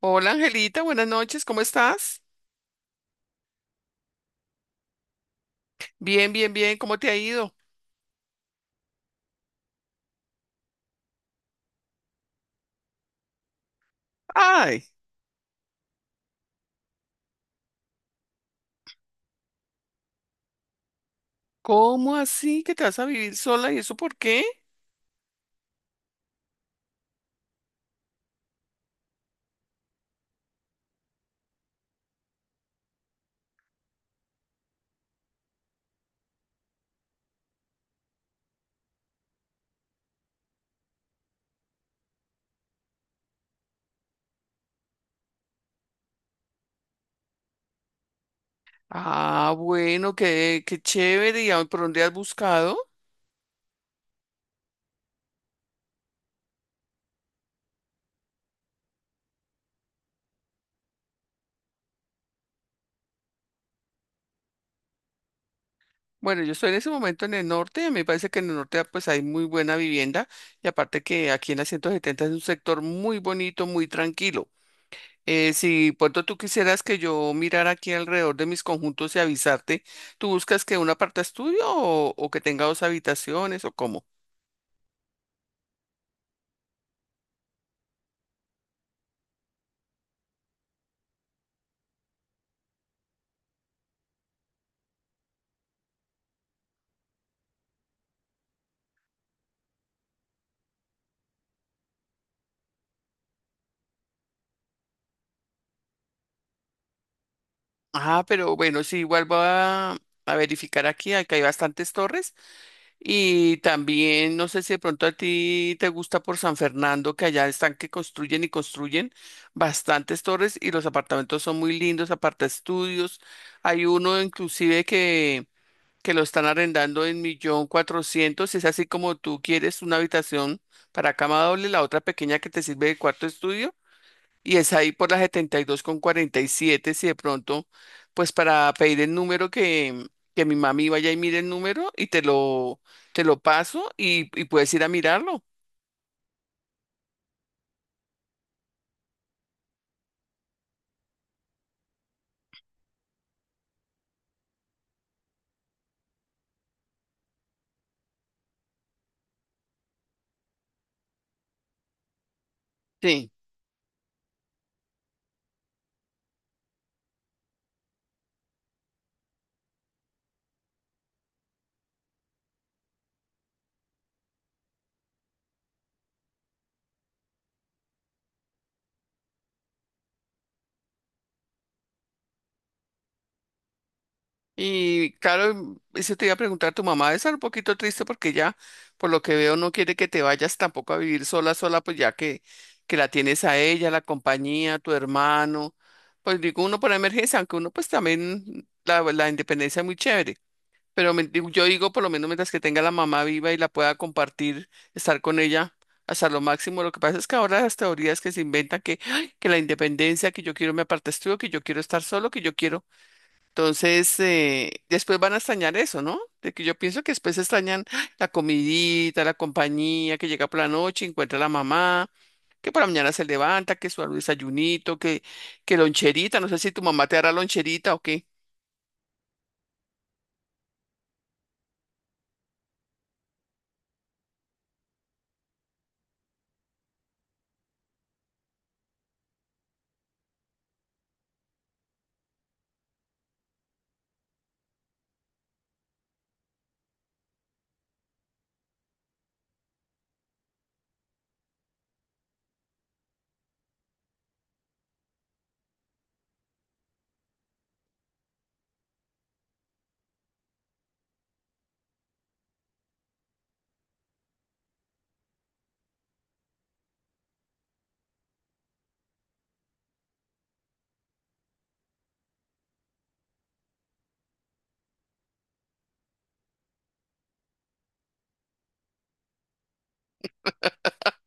Hola Angelita, buenas noches, ¿cómo estás? Bien, bien, bien, ¿cómo te ha ido? Ay, ¿cómo así que te vas a vivir sola y eso por qué? Ah, bueno, qué, qué chévere, ¿y por dónde has buscado? Bueno, yo estoy en ese momento en el norte, a mí me parece que en el norte pues hay muy buena vivienda y aparte que aquí en la 170 es un sector muy bonito, muy tranquilo. Si pronto tú quisieras que yo mirara aquí alrededor de mis conjuntos y avisarte, ¿tú buscas que un aparta estudio o que tenga dos habitaciones o cómo? Ah, pero bueno, sí, igual a verificar aquí, aquí hay bastantes torres y también no sé si de pronto a ti te gusta por San Fernando, que allá están que construyen y construyen bastantes torres y los apartamentos son muy lindos, aparte estudios, hay uno inclusive que lo están arrendando en 1.400.000, es así como tú quieres una habitación para cama doble, la otra pequeña que te sirve de cuarto estudio y es ahí por la 72 con 47 si de pronto, pues para pedir el que mi mami vaya y mire el número y te lo paso y puedes ir a mirarlo. Sí. Y claro, eso te iba a preguntar, tu mamá debe estar un poquito triste porque ya, por lo que veo, no quiere que te vayas tampoco a vivir sola, sola, pues ya que la tienes a ella, la compañía, tu hermano, pues digo uno por emergencia, aunque uno pues también la independencia es muy chévere. Pero yo digo, por lo menos mientras que tenga la mamá viva y la pueda compartir, estar con ella hasta lo máximo. Lo que pasa es que ahora las teorías que se inventan que, ¡ay! Que la independencia, que yo quiero me aparte estudio, que yo quiero estar solo, que yo quiero. Entonces, después van a extrañar eso, ¿no? De que yo pienso que después extrañan ¡ay! La comidita, la compañía, que llega por la noche, encuentra a la mamá, que por la mañana se levanta, que su desayunito, que loncherita, no sé si tu mamá te hará loncherita o qué.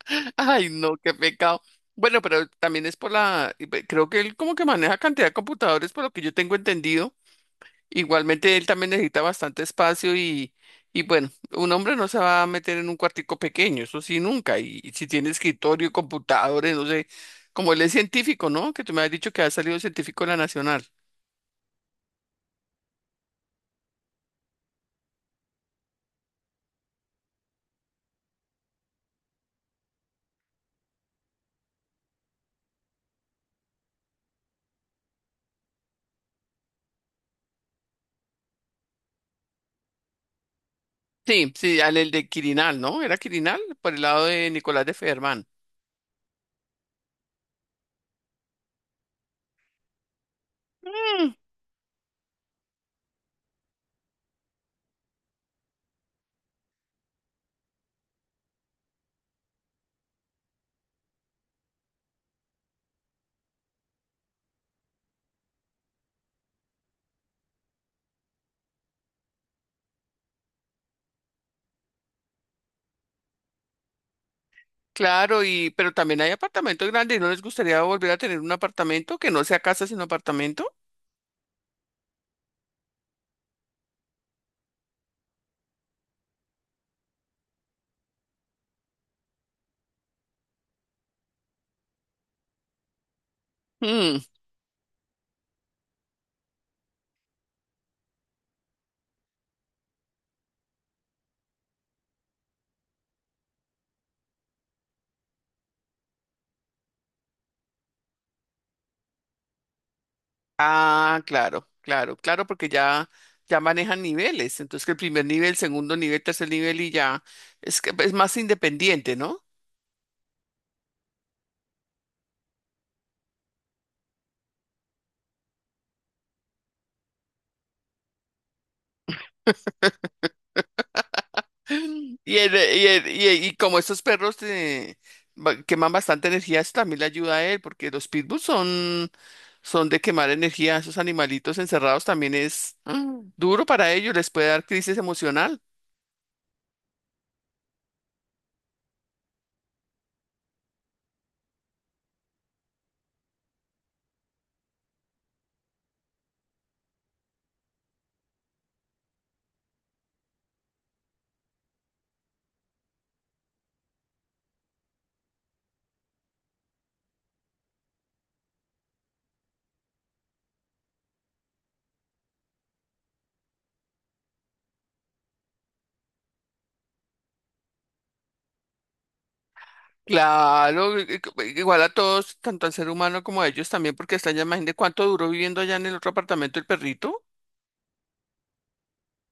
Ay, no, qué pecado. Bueno, pero también es por la, creo que él como que maneja cantidad de computadores, por lo que yo tengo entendido. Igualmente él también necesita bastante espacio y bueno, un hombre no se va a meter en un cuartico pequeño, eso sí, nunca. Y si tiene escritorio, computadores, no sé, como él es científico, ¿no? Que tú me has dicho que ha salido científico de la Nacional. Sí, sí, al el de Quirinal, ¿no? Era Quirinal, por el lado de Nicolás de Federman. Claro, y pero también hay apartamentos grandes. ¿No les gustaría volver a tener un apartamento que no sea casa sino apartamento? Mm. Ah, claro, claro, claro, porque ya manejan niveles. Entonces que el primer nivel, segundo nivel, tercer nivel y ya es que es más independiente, ¿no? Y como estos perros queman bastante energía, eso también le ayuda a él, porque los pitbulls son, son de quemar energía. Esos animalitos encerrados también es duro para ellos, les puede dar crisis emocional. Claro, igual a todos, tanto al ser humano como a ellos también, porque está ya, imagínate cuánto duró viviendo allá en el otro apartamento el perrito.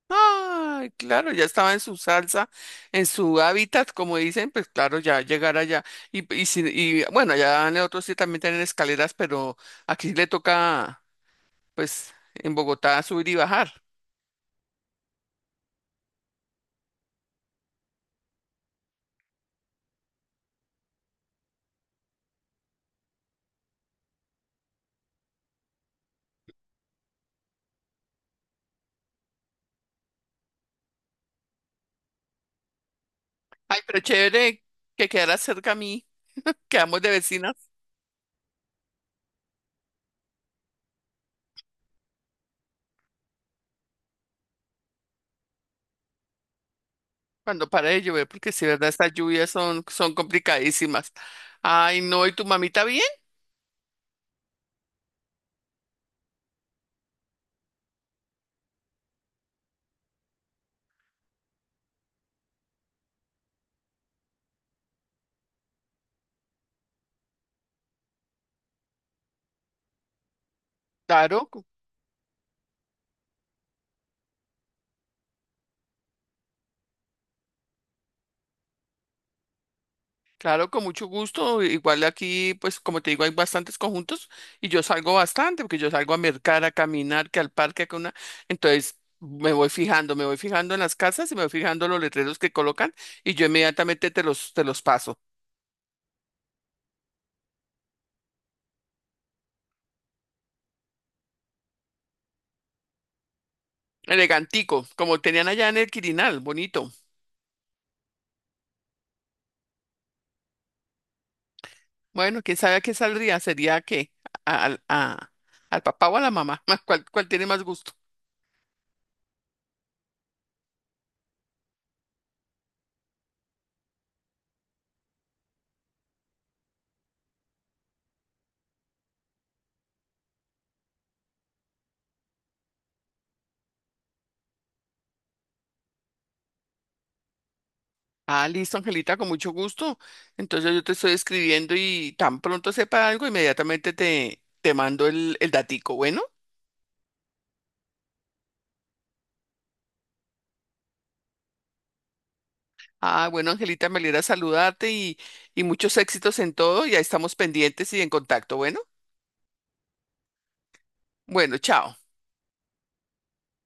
Ay, claro, ya estaba en su salsa, en su hábitat, como dicen, pues claro, ya llegar allá. Y, si- y bueno, allá en el otro sí también tienen escaleras, pero aquí le toca, pues, en Bogotá subir y bajar. Ay, pero chévere que quedara cerca a mí, quedamos de vecinas. Cuando para de llover, porque si verdad, estas lluvias son, son complicadísimas. Ay, no, ¿y tu mamita bien? Claro. Claro, con mucho gusto. Igual aquí, pues como te digo, hay bastantes conjuntos y yo salgo bastante, porque yo salgo a mercar, a caminar, que al parque, que una. Entonces me voy fijando en las casas y me voy fijando los letreros que colocan y yo inmediatamente te los paso. Elegantico, como tenían allá en el Quirinal, bonito. Bueno, quién sabe a qué saldría, sería que al, a- al papá o a la mamá, ¿cuál, cuál tiene más gusto? Ah, listo, Angelita, con mucho gusto. Entonces yo te estoy escribiendo y tan pronto sepa algo, inmediatamente te mando el datico, ¿bueno? Ah, bueno, Angelita, me alegra saludarte y muchos éxitos en todo. Ya estamos pendientes y en contacto, ¿bueno? Bueno, chao.